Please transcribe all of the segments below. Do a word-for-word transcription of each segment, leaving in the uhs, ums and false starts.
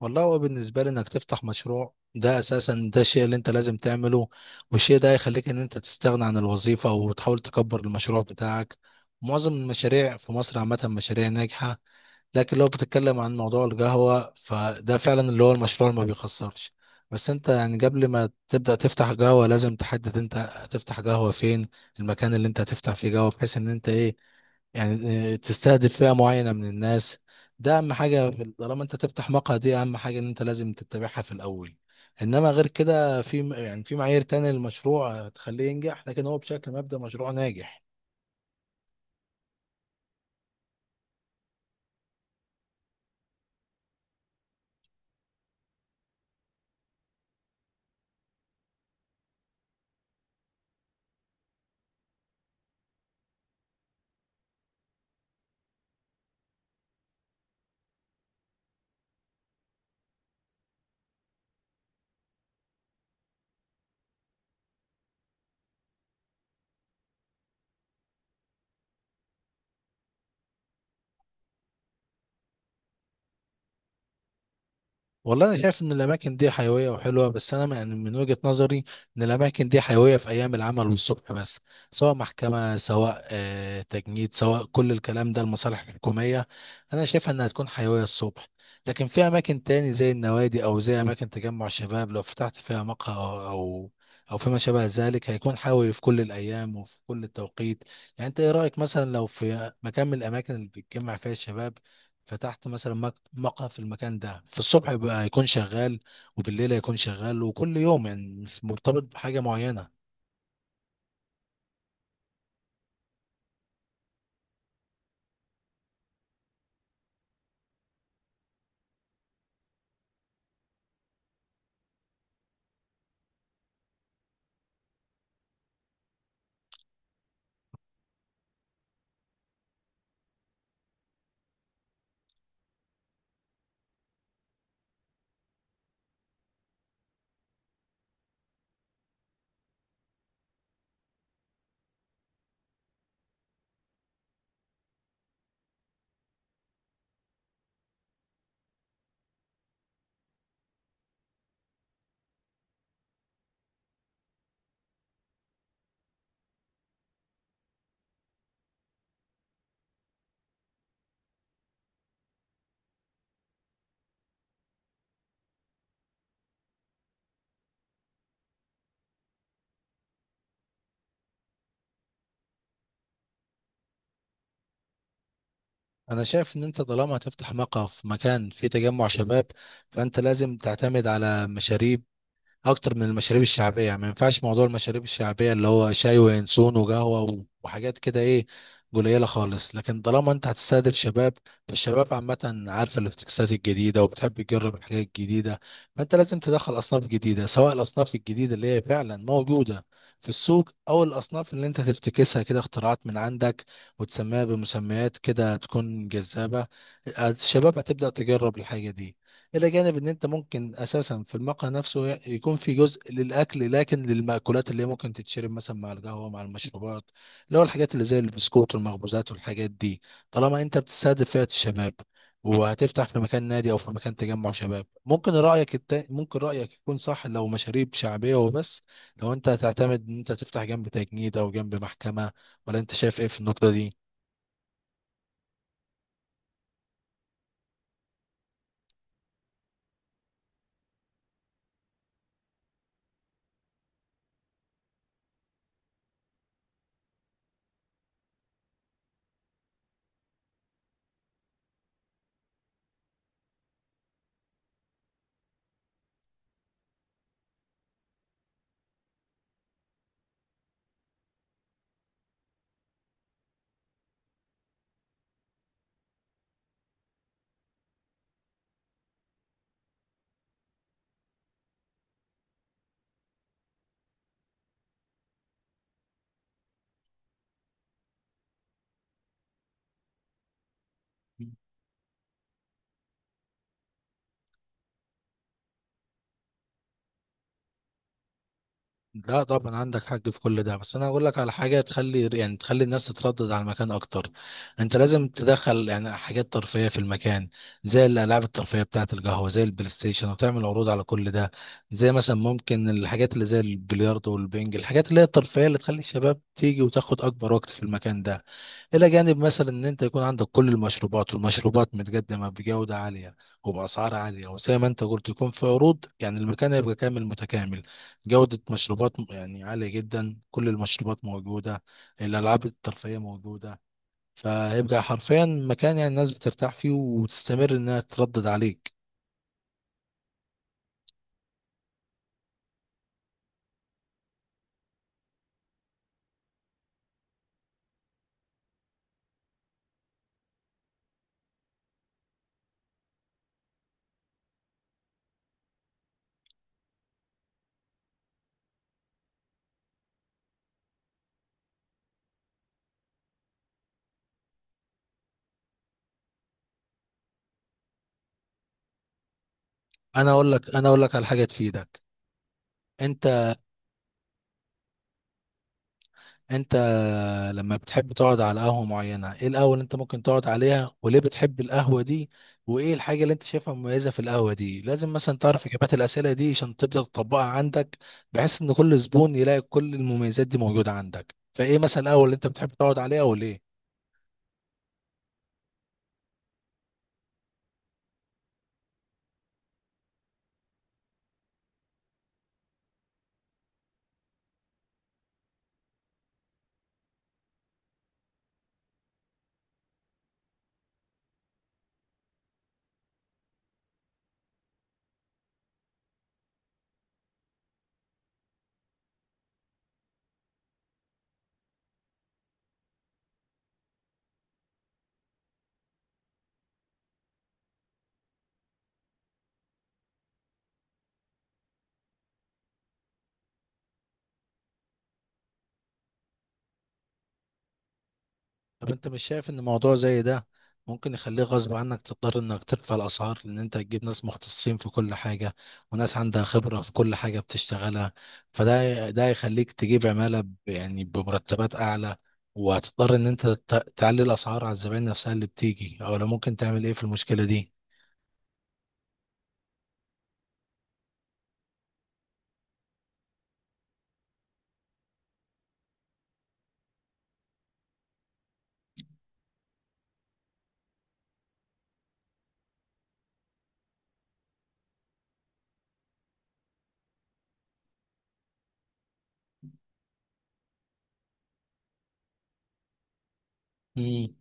والله هو بالنسبة لي انك تفتح مشروع ده اساسا ده الشيء اللي انت لازم تعمله. والشيء ده هيخليك ان انت تستغنى عن الوظيفة وتحاول تكبر المشروع بتاعك. معظم المشاريع في مصر عامة مشاريع ناجحة. لكن لو بتتكلم عن موضوع القهوة فده فعلا اللي هو المشروع اللي ما بيخسرش. بس انت يعني قبل ما تبدأ تفتح قهوة لازم تحدد انت هتفتح قهوة فين. المكان اللي انت هتفتح فيه قهوة بحيث ان انت ايه، يعني، آه، تستهدف فئة معينة من الناس. ده أهم حاجة في- طالما أنت تفتح مقهى، دي أهم حاجة إن أنت لازم تتبعها في الأول. إنما غير كده في، يعني، في معايير تانية للمشروع تخليه ينجح، لكن هو بشكل مبدأ مشروع ناجح. والله انا شايف ان الاماكن دي حيويه وحلوه، بس انا يعني من وجهه نظري ان الاماكن دي حيويه في ايام العمل والصبح بس. سواء محكمه، سواء آه، تجنيد، سواء كل الكلام ده المصالح الحكوميه، انا شايفها انها تكون حيويه الصبح. لكن في اماكن تاني زي النوادي او زي اماكن تجمع شباب، لو فتحت فيها مقهى او او أو فيما شابه ذلك هيكون حيوي في كل الايام وفي كل التوقيت. يعني انت ايه رايك مثلا لو في مكان من الاماكن اللي بتجمع فيها الشباب، فتحت مثلا مك- مقهى في المكان ده، في الصبح يبقى يكون شغال وبالليل هيكون شغال، وكل يوم يعني مش مرتبط بحاجة معينة. انا شايف ان انت طالما هتفتح مقهى في مكان فيه تجمع شباب، فانت لازم تعتمد على مشاريب اكتر من المشاريب الشعبيه. يعني ما ينفعش موضوع المشاريب الشعبيه اللي هو شاي وينسون وقهوه و- وحاجات كده، ايه، قليله خالص. لكن طالما انت هتستهدف شباب، فالشباب عامه عارفه الافتكاسات الجديده وبتحب تجرب الحاجات الجديده. فانت لازم تدخل اصناف جديده، سواء الاصناف الجديده اللي هي فعلا موجوده في السوق، او الاصناف اللي انت تفتكسها كده اختراعات من عندك، وتسميها بمسميات كده تكون جذابه. الشباب هتبدا تجرب الحاجه دي. إلى جانب إن أنت ممكن أساسا في المقهى نفسه ي- يكون في جزء للأكل، لكن للمأكولات اللي هي ممكن تتشرب مثلا مع القهوة مع المشروبات، اللي هو الحاجات اللي زي البسكوت والمخبوزات والحاجات دي. طالما أنت بتستهدف فئة الشباب وهتفتح في مكان نادي أو في مكان تجمع شباب، ممكن رأيك التا... ممكن رأيك يكون صح لو مشاريب شعبية وبس، لو أنت هتعتمد إن أنت تفتح جنب تجنيد أو جنب محكمة. ولا أنت شايف إيه في النقطة دي؟ لا طبعا عندك حق في كل ده، بس انا اقول لك على حاجه تخلي، يعني، تخلي الناس تتردد على المكان اكتر. انت لازم تدخل يعني حاجات ترفيهيه في المكان، زي الالعاب الترفيهيه بتاعه القهوه زي البلاي ستيشن، وتعمل عروض على كل ده. زي مثلا ممكن الحاجات اللي زي البلياردو والبنج، الحاجات اللي هي الترفيهيه اللي تخلي الشباب تيجي وتاخد اكبر وقت في المكان ده. الى جانب مثلا ان انت يكون عندك كل المشروبات، والمشروبات متقدمه بجوده عاليه وباسعار عاليه، وزي ما انت قلت يكون في عروض، يعني المكان هيبقى كامل متكامل. جودة مشروبات م- يعني عالية جدا، كل المشروبات موجودة، الألعاب الترفيهية موجودة. فهيبقى حرفيا مكان يعني الناس بترتاح فيه وتستمر إنها تردد عليك. أنا أقول لك أنا أقول لك على حاجة تفيدك. أنت أنت لما بتحب تقعد على قهوة معينة، إيه القهوة اللي أنت ممكن تقعد عليها وليه بتحب القهوة دي؟ وإيه الحاجة اللي أنت شايفها مميزة في القهوة دي؟ لازم مثلا تعرف إجابات الأسئلة دي عشان تبدأ تطبقها عندك، بحيث إن كل زبون يلاقي كل المميزات دي موجودة عندك. فإيه مثلا القهوة اللي أنت بتحب تقعد عليها وليه؟ طب انت مش شايف ان موضوع زي ده ممكن يخليه غصب عنك تضطر انك ترفع الاسعار، لان انت تجيب ناس مختصين في كل حاجة، وناس عندها خبرة في كل حاجة بتشتغلها؟ فده ده يخليك تجيب عمالة ب- يعني بمرتبات اعلى. وهتضطر ان انت ت- تعلي الاسعار على الزبائن نفسها اللي بتيجي، او لو ممكن تعمل ايه في المشكلة دي؟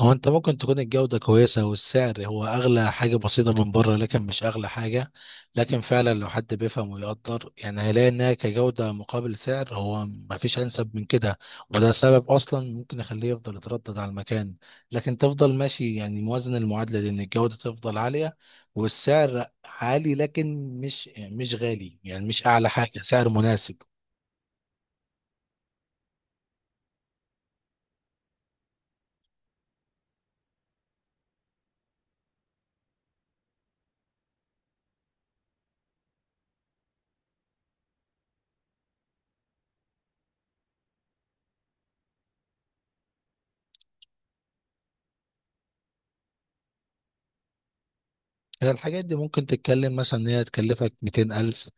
هو انت ممكن تكون الجودة كويسة والسعر هو اغلى حاجة بسيطة من بره، لكن مش اغلى حاجة. لكن فعلا لو حد بيفهم ويقدر، يعني هيلاقي انها كجودة مقابل سعر هو مفيش انسب من كده. وده سبب اصلا ممكن يخليه يفضل يتردد على المكان. لكن تفضل ماشي، يعني موازن المعادلة دي ان الجودة تفضل عالية والسعر عالي، لكن مش مش غالي، يعني مش اعلى حاجة، سعر مناسب. هي الحاجات دي ممكن تتكلم مثلا ان هي تكلفك مئتين ألف.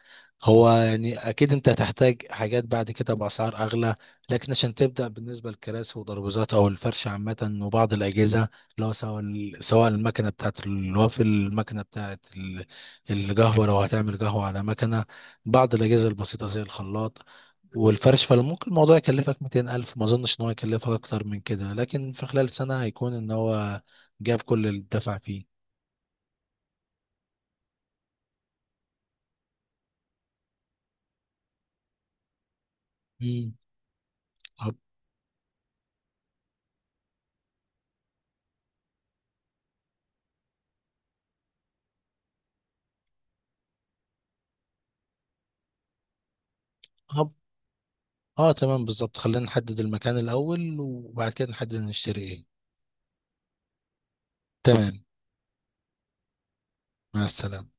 هو يعني اكيد انت هتحتاج حاجات بعد كده باسعار اغلى، لكن عشان تبدا، بالنسبه للكراسي وترابيزات او الفرش عامه وبعض الاجهزه، اللي هو سواء ال- سواء المكنه بتاعت الوافل، المكنه بتاعت ال- القهوه لو هتعمل قهوه على مكنه، بعض الاجهزه البسيطه زي الخلاط والفرش، فممكن الموضوع يكلفك مئتين ألف. ما اظنش ان هو يكلفك اكتر من كده، لكن في خلال سنه هيكون ان هو جاب كل اللي دفع فيه. مم. اه تمام بالظبط، خلينا نحدد المكان الأول وبعد كده نحدد نشتري ايه. تمام. مع السلامة.